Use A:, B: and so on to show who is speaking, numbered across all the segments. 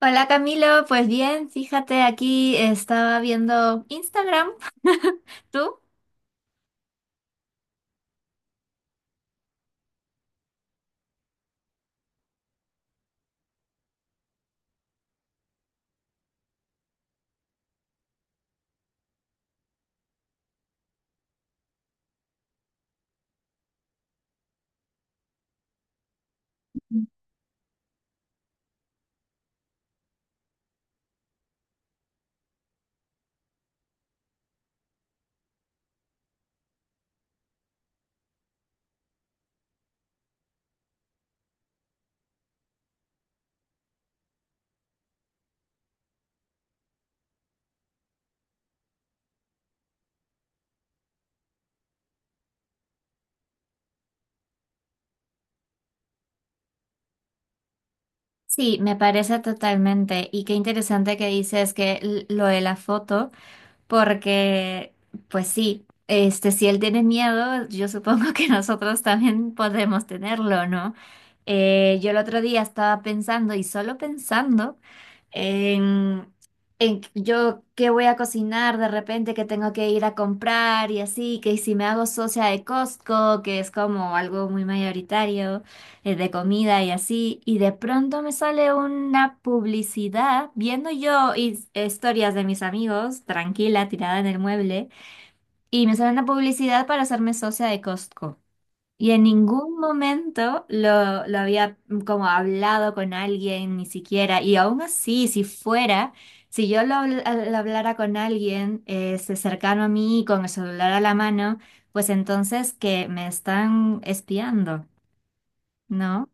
A: Hola Camilo, pues bien, fíjate, aquí estaba viendo Instagram. ¿Tú? Sí, me parece totalmente. Y qué interesante que dices lo de la foto, porque, pues sí, si él tiene miedo, yo supongo que nosotros también podemos tenerlo, ¿no? Yo el otro día estaba pensando y solo pensando. en, en yo qué voy a cocinar de repente, que tengo que ir a comprar y así, que si me hago socia de Costco, que es como algo muy mayoritario, de comida y así, y de pronto me sale una publicidad viendo yo historias de mis amigos, tranquila, tirada en el mueble, y me sale una publicidad para hacerme socia de Costco. Y en ningún momento lo había como hablado con alguien, ni siquiera. Y aún así, si fuera, si yo lo hablara con alguien, cercano a mí, con el celular a la mano, pues entonces que me están espiando, ¿no?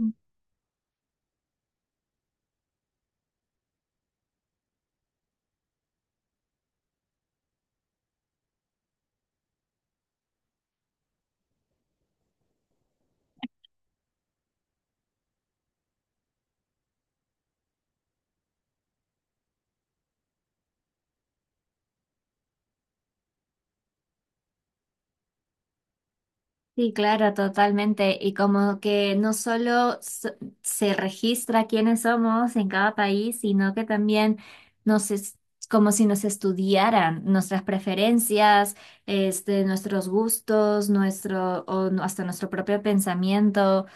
A: Mm. Sí, claro, totalmente. Y como que no solo so- se registra quiénes somos en cada país, sino que también nos es como si nos estudiaran nuestras preferencias, nuestros gustos, nuestro, o no- hasta nuestro propio pensamiento.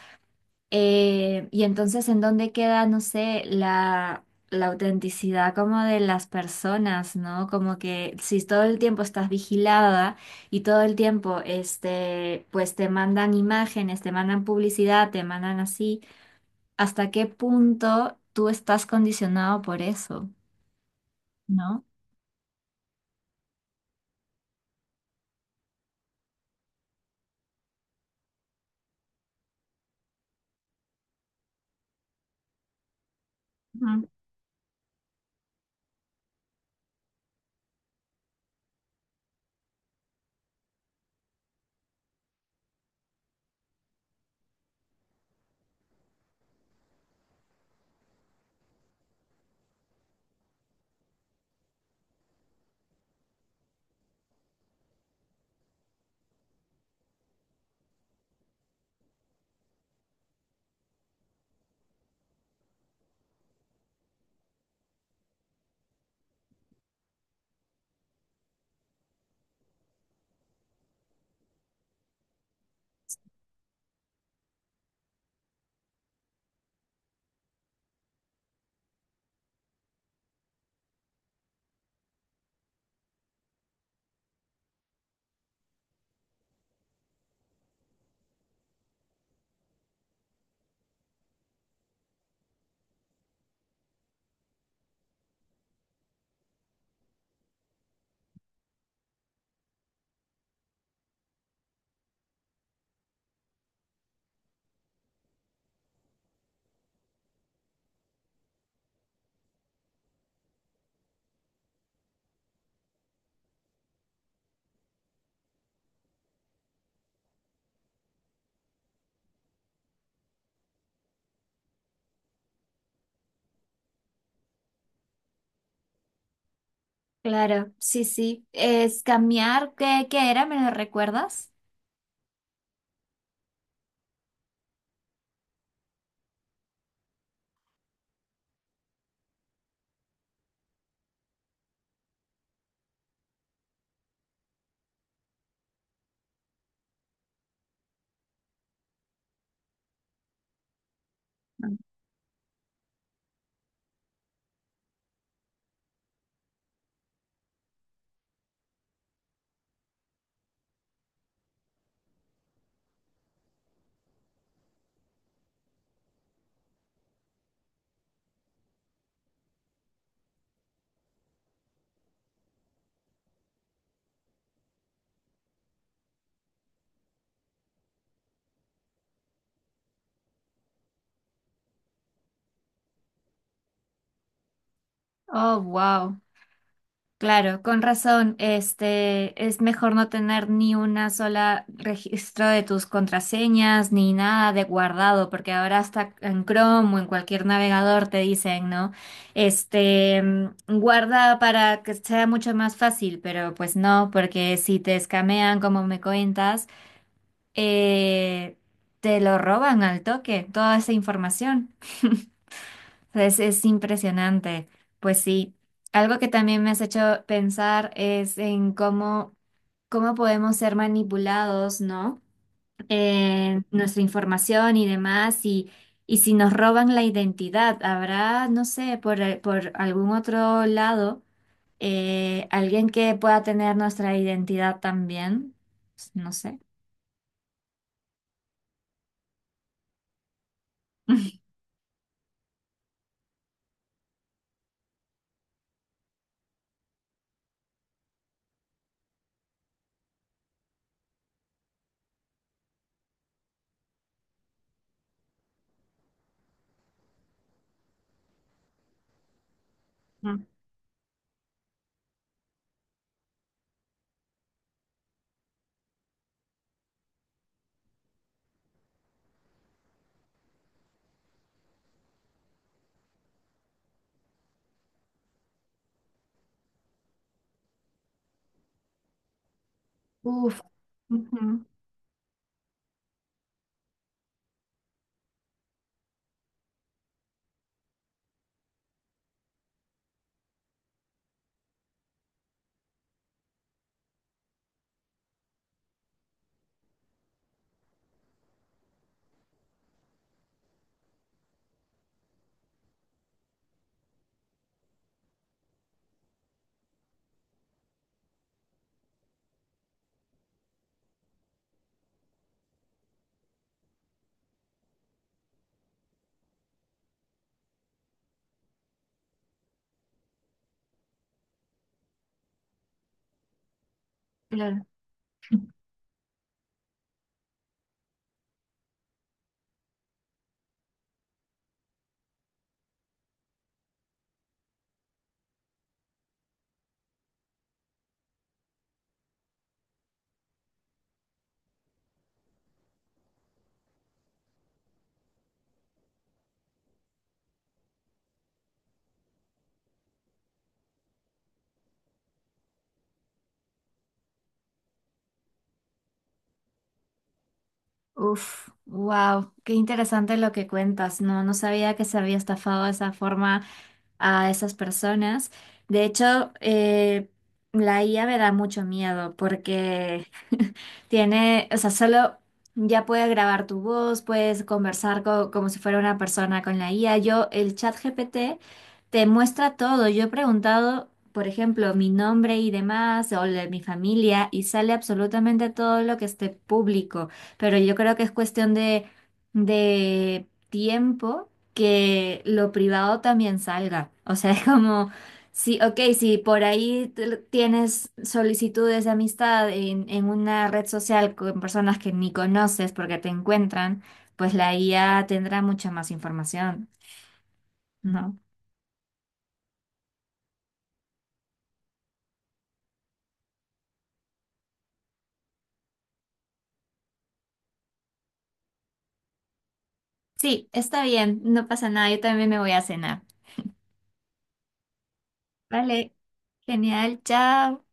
A: Y entonces, ¿en dónde queda, no sé, la autenticidad como de las personas, ¿no? Como que si todo el tiempo estás vigilada y todo el tiempo, pues te mandan imágenes, te mandan publicidad, te mandan así, ¿hasta qué punto tú estás condicionado por eso, ¿no? Ujú. Claro, sí, sí. Es cambiar, ¿qué era? ¿Me lo recuerdas? Oh, wow. Claro, con razón. Es mejor no tener ni una sola registro de tus contraseñas ni nada de guardado, porque ahora hasta en Chrome o en cualquier navegador te dicen, ¿no? Este, mm, Guarda para que sea mucho más fácil, pero pues no, porque si te escamean, como me cuentas, eh, te lo roban al toque, toda esa información. Es impresionante. Pues sí, algo que también me has hecho pensar es en cómo podemos ser manipulados, ¿no? Nuestra información y demás, y si nos roban la identidad, habrá, no sé, por algún otro lado, alguien que pueda tener nuestra identidad también, no sé. Ujú. Uf, ujú, claro. Uf, wow, qué interesante lo que cuentas. No, no sabía que se había estafado de esa forma a esas personas. De hecho, la IA me da mucho miedo porque tiene, o sea, solo ya puede grabar tu voz, puedes como si fuera una persona con la IA. Yo, el chat GPT te muestra todo. Yo he preguntado, por ejemplo, mi nombre y demás, o la de mi familia, y sale absolutamente todo lo que esté público. Pero yo creo que es cuestión de tiempo que lo privado también salga. O sea, es como, sí, ok, si por ahí tienes solicitudes de amistad en una red social con personas que ni conoces porque te encuentran, pues la IA tendrá mucha más información, ¿no? Sí, está bien, no pasa nada, yo también me voy a cenar. Vale, genial, chao.